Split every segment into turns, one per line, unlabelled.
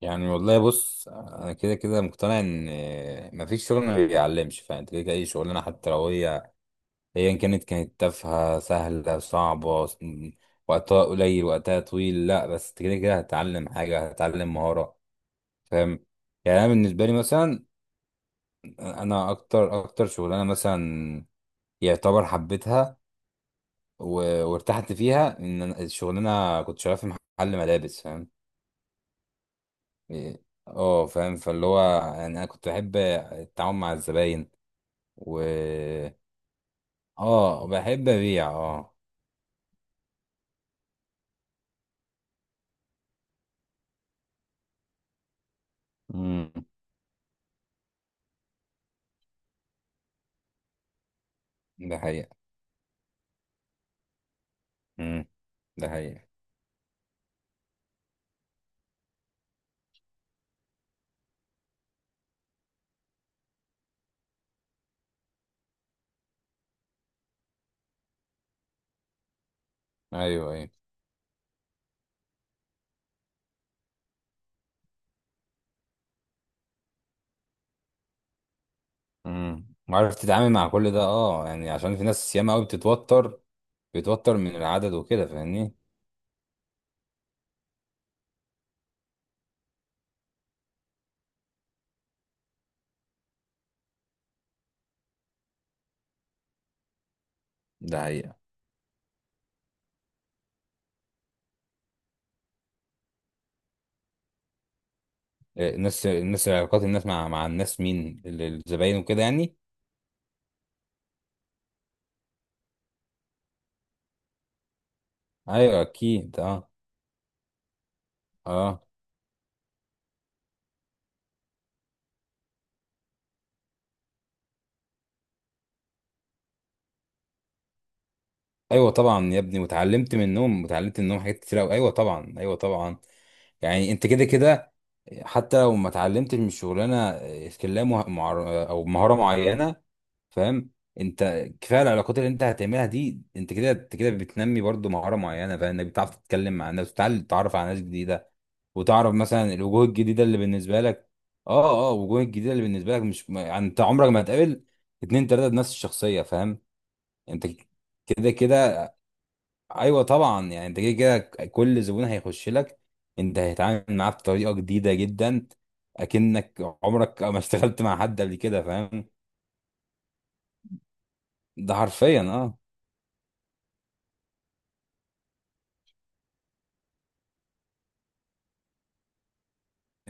يعني والله بص، انا كده كده مقتنع ان مفيش شغل ما بيعلمش. فانت كده كده اي شغلانه حتى لو هي ايا كانت تافهه سهله صعبه وقتها قليل وقتها طويل، لا بس انت كده كده هتتعلم حاجه، هتتعلم مهاره، فاهم. يعني انا بالنسبه لي مثلا، انا اكتر اكتر شغلانه مثلا يعتبر حبيتها وارتحت فيها ان أنا الشغلانه كنت شغال في محل ملابس، فاهم. إيه، اه فاهم، فاللي هو يعني انا كنت بحب التعامل مع الزباين. و اه بحب ابيع، اه. امم. ده حقيقة. امم. ده حقيقة. ايوه ايوه. امم. وعارف تتعامل مع كل ده، اه يعني عشان في ناس ياما قوي بتتوتر من العدد وكده، فاهمني. ده حقيقة. إيه، الناس علاقات الناس مع الناس، مين الزباين وكده يعني. ايوه اكيد اه. اه ايوه طبعا يا ابني، واتعلمت منهم حاجات كتير قوي. ايوه طبعا، ايوه طبعا. يعني انت كده كده حتى لو ما اتعلمتش من الشغلانه سكيلا او مهاره معينه، فاهم. انت كفايه العلاقات اللي انت هتعملها دي، انت كده انت كده بتنمي برضو مهاره معينه، فاهم انك بتعرف تتكلم مع الناس، وتتعلم تتعرف على ناس جديده، وتعرف مثلا الوجوه الجديده اللي بالنسبه لك. اه اه، الوجوه الجديده اللي بالنسبه لك مش ما- يعني انت عمرك ما هتقابل اتنين تلاته بنفس الشخصيه، فاهم. انت كده كده. ايوه طبعا، يعني انت كده كده كل زبون هيخش لك انت هتتعامل معاه بطريقه جديده جدا، اكنك عمرك ما اشتغلت مع حد قبل كده، فاهم. ده حرفيا، اه.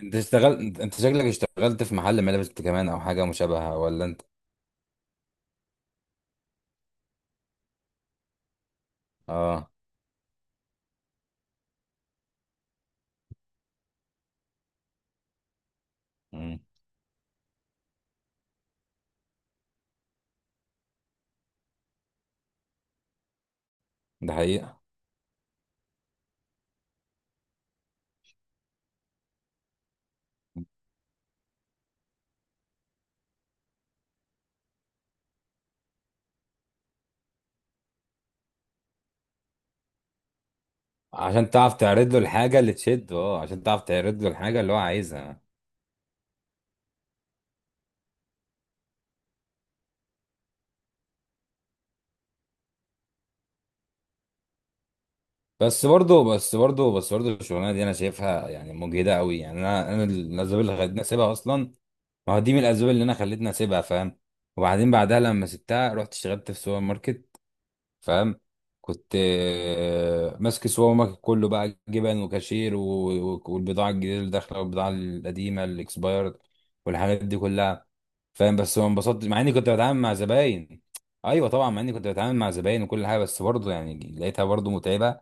انت شكلك اشتغلت في محل ملابس انت كمان او حاجه مشابهه، ولا انت؟ اه. مم. ده حقيقه. عشان تعرف تعرض له الحاجه اللي تشده، اه عشان تعرف تعرض له الحاجه اللي هو عايزها. بس برضه الشغلانه دي انا شايفها يعني مجهده قوي، يعني انا الاسباب اللي خلتني اسيبها اصلا، ما هو دي من الاسباب اللي انا خلتني اسيبها، فاهم. وبعدين بعدها لما سبتها رحت اشتغلت في سوبر ماركت، فاهم. كنت آه، ماسك السوبر ماركت كله بقى، جبن وكاشير والبضاعه الجديده اللي داخله، والبضاعه القديمه الاكسبايرد، والحاجات دي كلها، فاهم. بس ما انبسطتش مع اني كنت بتعامل مع زباين. ايوه طبعا، مع اني كنت بتعامل مع زباين وكل حاجه، بس برضه يعني لقيتها برضه متعبه،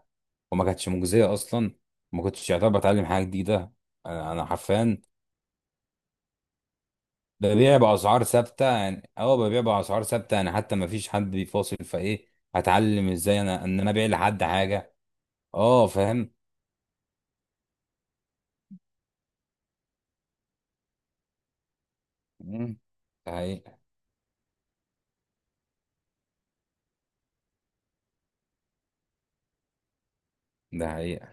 وما كانتش مجزيه اصلا. ما كنتش يعتبر بتعلم حاجه جديده. انا حرفيا ببيع بأسعار ثابتة يعني، اه ببيع بأسعار ثابتة يعني، حتى ما فيش حد بيفاصل، فايه هتعلم، ازاي انا ابيع لحد حاجة. اه فاهم. مم، ده حقيقة. ده حقيقة.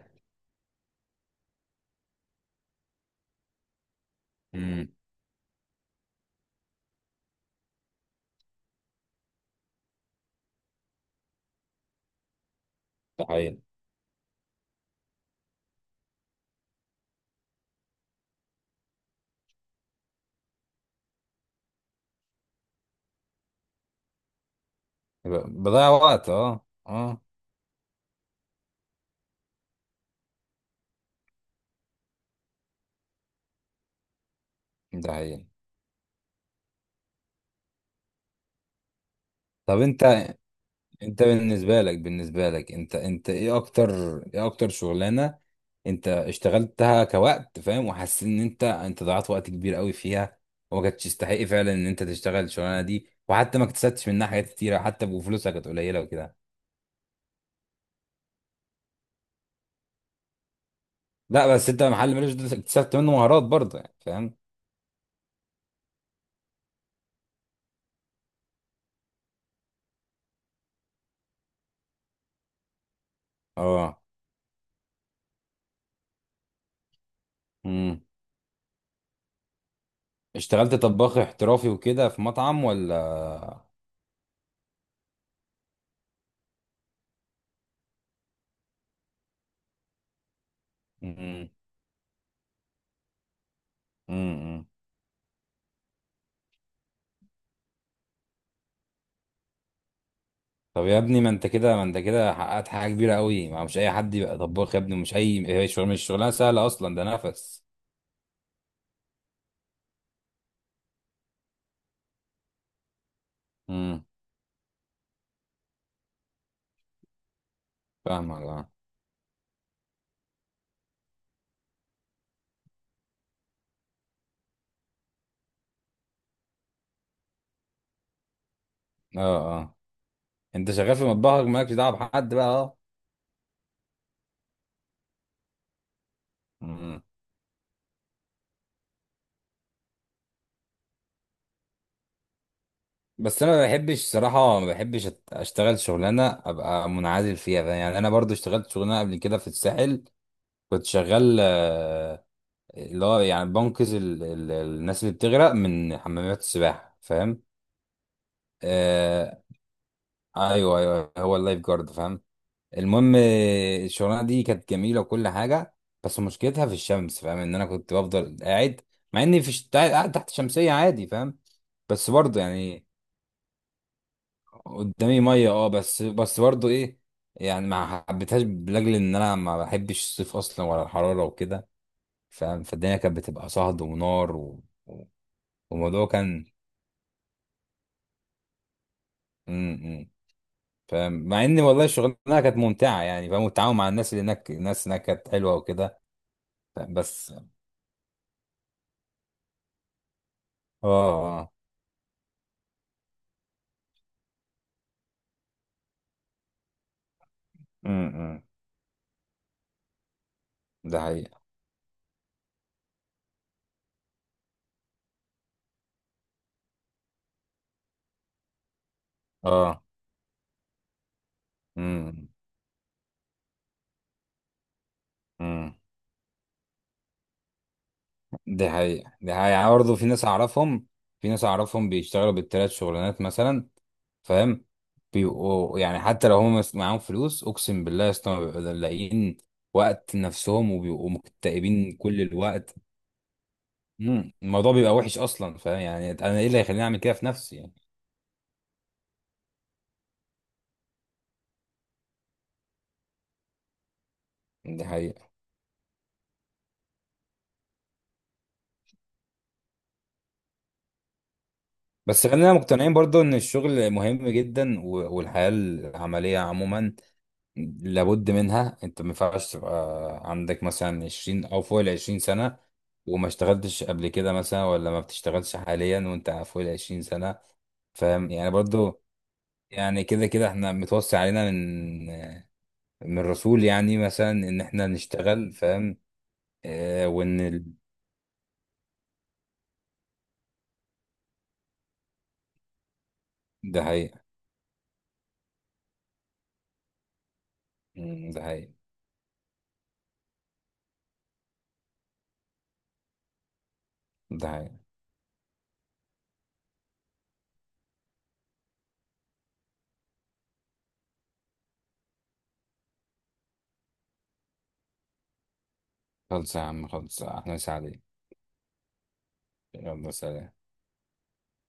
مم، ده حقيقة. بضيع وقت، اه اه. ده حقيقة. طب انت، بالنسبه لك انت ايه اكتر، ايه اكتر شغلانه انت اشتغلتها كوقت، فاهم، وحسيت ان انت ضيعت وقت كبير قوي فيها، وما كانتش تستحق فعلا ان انت تشتغل الشغلانه دي، وحتى ما اكتسبتش منها حاجات كتيره، حتى بفلوسها كانت قليله وكده. لا بس انت محل ملوش دور، اكتسبت منه مهارات برضه يعني، فاهم. اه. امم. اشتغلت طباخ احترافي وكده في مطعم ولا؟ امم. طب يا ابني، ما انت كده حققت حاجه كبيره قوي، ما مش اي حد يبقى طباخ يا ابني، مش اي، هي شغل، مش شغلانه سهله اصلا، ده نفس. امم. فاهمك اه. اه اه. انت شغال في مطبخك مالكش دعوه بحد بقى، اه. امم. بس انا ما بحبش صراحه، ما بحبش اشتغل شغلانه ابقى منعزل فيها، فاهم؟ يعني انا برضو اشتغلت شغلانه قبل كده في الساحل، كنت شغال آه، اللي هو يعني بنقذ الناس اللي بتغرق من حمامات السباحه، فاهم. آه. ايوه ايوه، هو اللايف جارد، فاهم. المهم آه، الشغلانه دي كانت جميله وكل حاجه، بس مشكلتها في الشمس، فاهم ان انا كنت بفضل قاعد، مع اني في قاعد تحت شمسيه عادي، فاهم. بس برضه يعني قدامي ميه، اه بس برضه ايه يعني، ما حبيتهاش لاجل ان انا ما بحبش الصيف اصلا، ولا الحراره وكده، فاهم. فالدنيا كانت بتبقى صهد ونار والموضوع كان م- م. فاهم مع ان والله الشغلانه كانت ممتعه يعني، فاهم. والتعاون مع الناس اللي هناك، الناس هناك كانت حلوه وكده، فاهم. بس اه. آه. امم. ده حقيقة. اه. امم. امم ده حقيقة. ده حقيقة. يعني برضه في ناس أعرفهم، في ناس أعرفهم بيشتغلوا بالتلات شغلانات مثلا، فاهم، بيبقوا يعني حتى لو هم معاهم فلوس، أقسم بالله يا اسطى ما بيبقوا لاقيين وقت نفسهم، وبيبقوا مكتئبين كل الوقت. امم. الموضوع بيبقى وحش أصلا، فاهم يعني، أنا إيه اللي هيخليني أعمل كده في نفسي يعني. ده حقيقة. بس خلينا مقتنعين برضه إن الشغل مهم جدا، والحياة العملية عموما لابد منها. انت ما ينفعش تبقى عندك مثلا 20 او فوق ال 20 سنه وما اشتغلتش قبل كده مثلا، ولا ما بتشتغلش حاليا وانت فوق ال 20 سنه، فاهم. يعني برضو، يعني كده كده احنا متوصي علينا من الرسول يعني مثلا ان احنا نشتغل، فاهم. اه، وان ال. ده حقيقة. مم، ده حقيقة. ده حقيقة. خلص يا عم خلص، احنا سعيد. يلا سلام.